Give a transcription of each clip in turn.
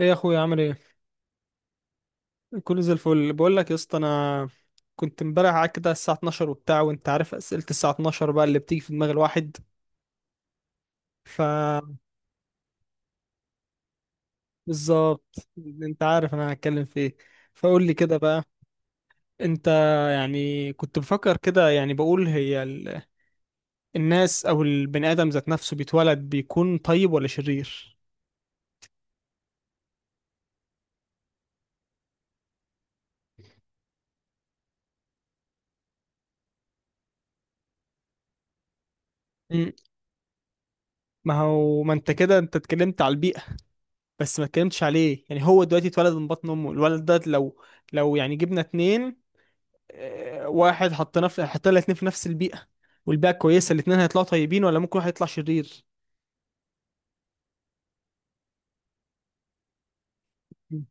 ايه يا اخويا عامل ايه؟ كله زي الفل. بقول لك يا اسطى، انا كنت امبارح قاعد كده الساعه 12 وبتاع، وانت عارف اسئله الساعه 12 بقى اللي بتيجي في دماغ الواحد. ف بالظبط انت عارف انا هتكلم في ايه. فقول لي كده بقى. انت يعني كنت بفكر كده، يعني بقول الناس او البني ادم ذات نفسه بيتولد بيكون طيب ولا شرير؟ مم. ما هو ما انت كده انت اتكلمت على البيئه، بس ما اتكلمتش عليه. يعني هو دلوقتي اتولد من بطن امه الولد ده، لو يعني جبنا اتنين، واحد حطينا الاتنين في نفس البيئة، والبيئة كويسة، الاتنين هيطلعوا طيبين ولا ممكن واحد يطلع شرير؟ مم.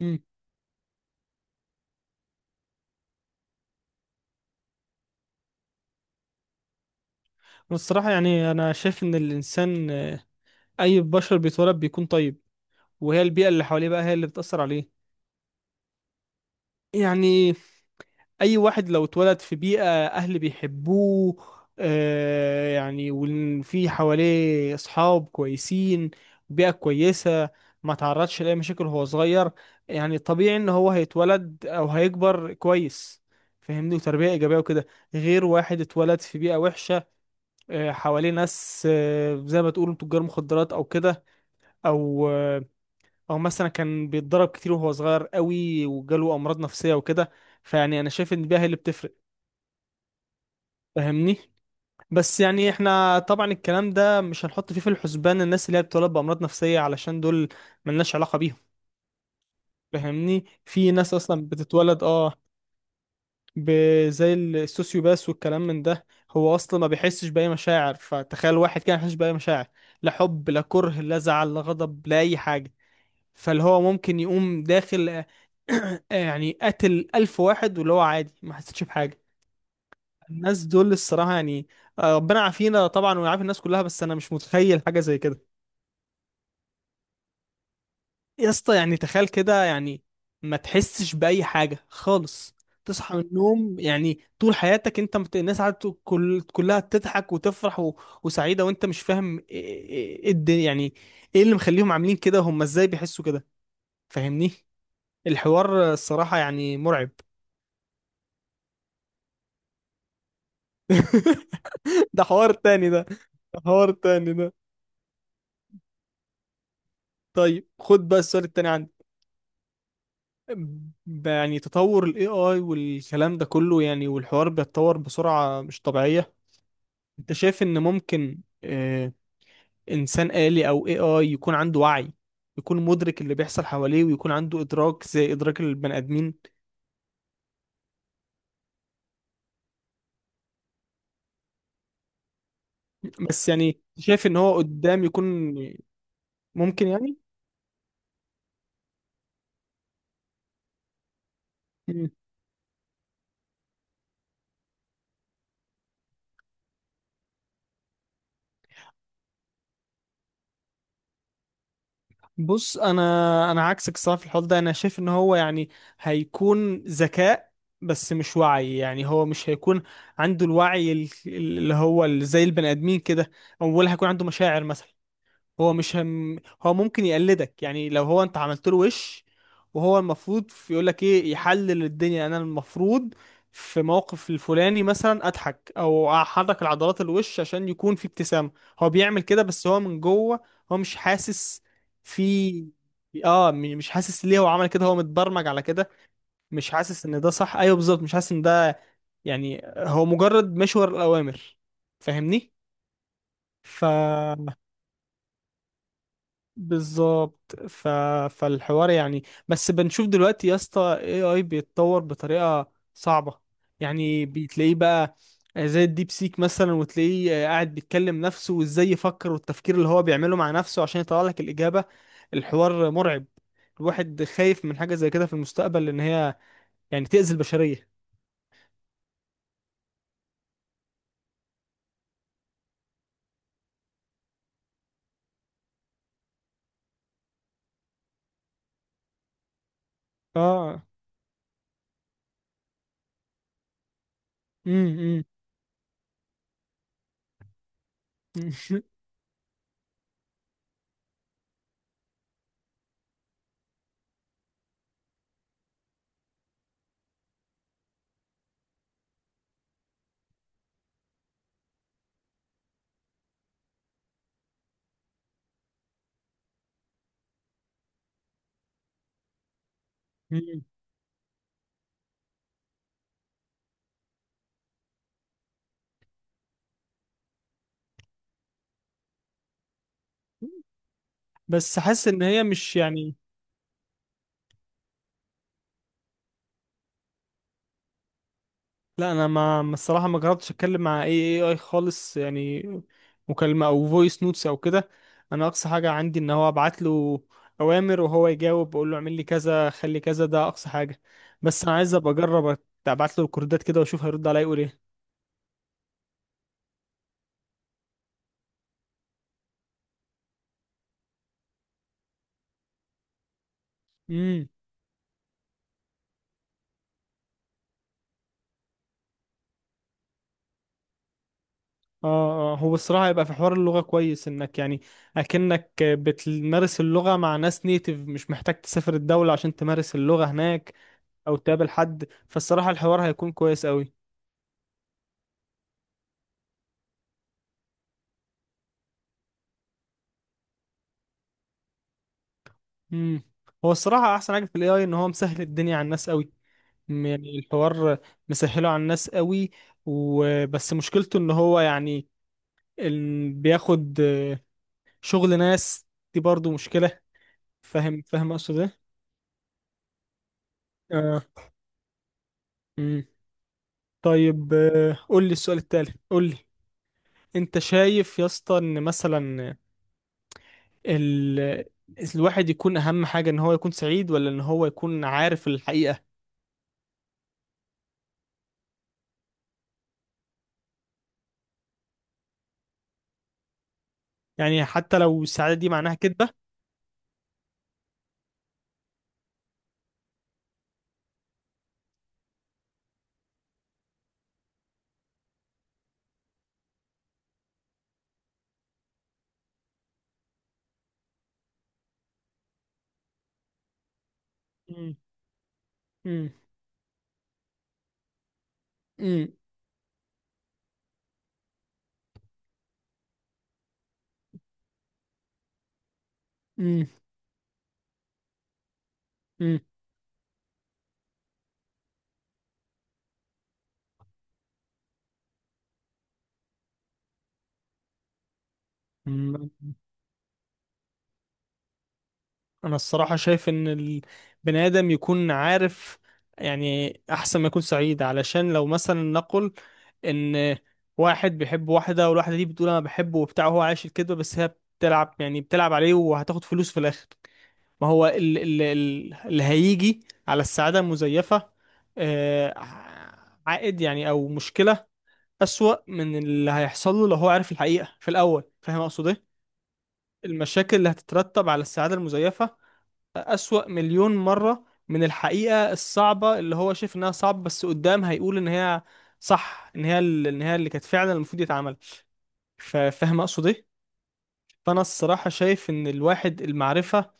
مم. والصراحة يعني أنا شايف إن الإنسان أي بشر بيتولد بيكون طيب، وهي البيئة اللي حواليه بقى هي اللي بتأثر عليه. يعني اي واحد لو اتولد في بيئة اهل بيحبوه، يعني وفي حواليه اصحاب كويسين، بيئة كويسة، ما تعرضش لاي مشاكل وهو صغير، يعني طبيعي ان هو هيتولد او هيكبر كويس، فاهمني، وتربية ايجابية وكده. غير واحد اتولد في بيئة وحشة، حواليه ناس، زي ما تقولوا تجار مخدرات او كده، او آه او مثلا كان بيتضرب كتير وهو صغير قوي وجاله امراض نفسية وكده. فيعني انا شايف ان البيئة هي اللي بتفرق، فاهمني. بس يعني احنا طبعا الكلام ده مش هنحط فيه في الحسبان الناس اللي هي بتتولد بأمراض نفسية، علشان دول ملناش علاقة بيهم، فاهمني. في ناس اصلا بتتولد زي السوسيوباس والكلام من ده. هو اصلا ما بيحسش بأي مشاعر، فتخيل واحد كان يحسش بأي مشاعر، لا حب لا كره لا زعل لا غضب لا اي حاجة. فاللي هو ممكن يقوم داخل يعني قتل ألف واحد، واللي هو عادي ما حسيتش بحاجة. الناس دول الصراحة يعني ربنا يعافينا طبعا ويعافي الناس كلها، بس انا مش متخيل حاجة زي كده. يا اسطى، يعني تخيل كده، يعني ما تحسش بأي حاجة خالص. تصحى من النوم، يعني طول حياتك انت الناس قاعدة كلها تضحك وتفرح وسعيدة، وانت مش فاهم إيه الدنيا؟ يعني ايه اللي مخليهم عاملين كده؟ هم ازاي بيحسوا كده؟ فاهمني. الحوار الصراحة يعني مرعب. ده حوار تاني ده. ده حوار تاني ده. طيب، خد بقى السؤال التاني عندي. يعني تطور ال AI والكلام ده كله، يعني والحوار بيتطور بسرعة مش طبيعية. انت شايف ان ممكن انسان آلي او AI يكون عنده وعي، يكون مدرك اللي بيحصل حواليه، ويكون عنده ادراك زي ادراك البني ادمين؟ بس يعني شايف ان هو قدام يكون ممكن يعني؟ بص انا عكسك الصراحه في الحوار ده. انا شايف ان هو يعني هيكون ذكاء، بس مش وعي، يعني هو مش هيكون عنده الوعي اللي هو زي البني ادمين كده، أو ولا هيكون عنده مشاعر مثلا. هو مش هم، هو ممكن يقلدك، يعني لو هو انت عملت له وش، وهو المفروض يقول لك ايه، يحلل الدنيا، انا المفروض في موقف الفلاني مثلا اضحك او احرك العضلات الوش عشان يكون في ابتسامة، هو بيعمل كده، بس هو من جوه هو مش حاسس في، مش حاسس ليه هو عمل كده، هو متبرمج على كده، مش حاسس ان ده صح، ايوه بالظبط مش حاسس ان ده، يعني هو مجرد مشور الاوامر، فاهمني. ف بالظبط. فالحوار يعني، بس بنشوف دلوقتي يا اسطى AI بيتطور بطريقة صعبة. يعني بتلاقيه بقى زي الديب سيك مثلا، وتلاقيه قاعد بيتكلم نفسه وازاي يفكر، والتفكير اللي هو بيعمله مع نفسه عشان يطلع لك الإجابة. الحوار مرعب، الواحد خايف من حاجة زي كده في المستقبل، لأن هي يعني تأذي البشرية. اه. امم. بس حاسس ان هي مش يعني. لا، انا ما ما الصراحه ما جربتش اتكلم مع اي خالص، يعني مكالمه او فويس نوتس او كده. انا اقصى حاجه عندي ان هو ابعت له اوامر وهو يجاوب، بقول له اعمل لي كذا خلي كذا، ده اقصى حاجه. بس انا عايز ابقى اجرب، ابعت له الكوردات كده واشوف هيرد عليا يقول ايه. امم. اه اه، هو الصراحه هيبقى في حوار اللغه كويس، انك يعني اكنك بتمارس اللغه مع ناس نيتيف، مش محتاج تسافر الدوله عشان تمارس اللغه هناك او تقابل حد، فالصراحه الحوار هيكون كويس قوي. مم. هو الصراحة أحسن حاجة في ال AI إن هو مسهل الدنيا على الناس قوي. يعني الحوار مسهله على الناس قوي، وبس مشكلته إن هو يعني بياخد شغل ناس، دي برضو مشكلة. فاهم فاهم أقصد إيه؟ آه. مم. طيب قول لي السؤال التالي، قول لي، أنت شايف يا اسطى إن مثلا ال... الواحد يكون أهم حاجة إن هو يكون سعيد ولا إن هو يكون عارف الحقيقة؟ يعني حتى لو السعادة دي معناها كذبة؟ مم. مم. مم. مم. مم. انا الصراحه شايف ان البني ادم يكون عارف، يعني احسن ما يكون سعيد، علشان لو مثلا نقل ان واحد بيحب واحده والواحده دي بتقول انا بحبه وبتاع، وهو عايش الكذبه بس هي بتلعب، يعني بتلعب عليه وهتاخد فلوس في الاخر. ما هو ال ال ال اللي هيجي على السعاده المزيفه آه، عائد يعني او مشكله اسوأ من اللي هيحصل له لو هو عارف الحقيقه في الاول، فاهم اقصد ايه؟ المشاكل اللي هتترتب على السعادة المزيفة أسوأ مليون مرة من الحقيقة الصعبة اللي هو شايف إنها صعبة، بس قدام هيقول إن هي صح، إن هي إن هي اللي كانت فعلا المفروض يتعمل. فاهم أقصد إيه؟ فأنا الصراحة شايف إن الواحد المعرفة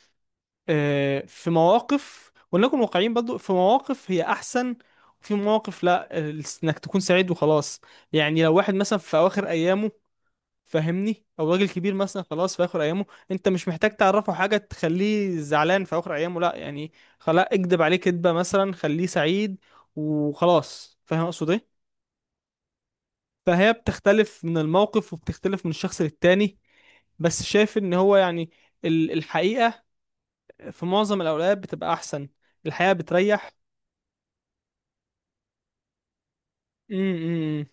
في مواقف، ولنكن واقعيين برضو، في مواقف هي أحسن، وفي مواقف لا، إنك تكون سعيد وخلاص. يعني لو واحد مثلا في أواخر أيامه، فاهمني، او راجل كبير مثلا خلاص في اخر ايامه، انت مش محتاج تعرفه حاجه تخليه زعلان في اخر ايامه، لا يعني خلاص اكدب عليه كدبه مثلا خليه سعيد وخلاص، فاهم اقصد ايه؟ فهي بتختلف من الموقف وبتختلف من الشخص للتاني، بس شايف ان هو يعني الحقيقه في معظم الاوقات بتبقى احسن. الحقيقه بتريح. امم.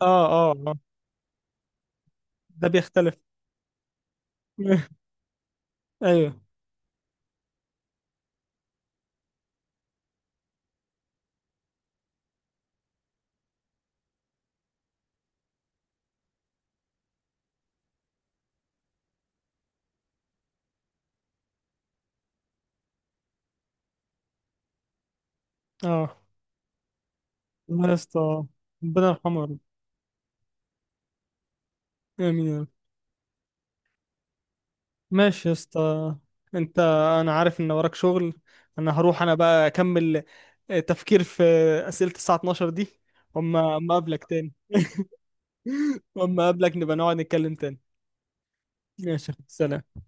اه اه. آه. ده بيختلف. ايوه. اه. الله يا اسطى، ربنا يرحمه يا رب. امين يا رب. ماشي يا اسطى. انت انا عارف ان وراك شغل، انا هروح، انا بقى اكمل تفكير في اسئلة الساعة 12 دي. اما اما اقابلك تاني، اما اقابلك نبقى نقعد نتكلم تاني. ماشي يا أخوي، سلام.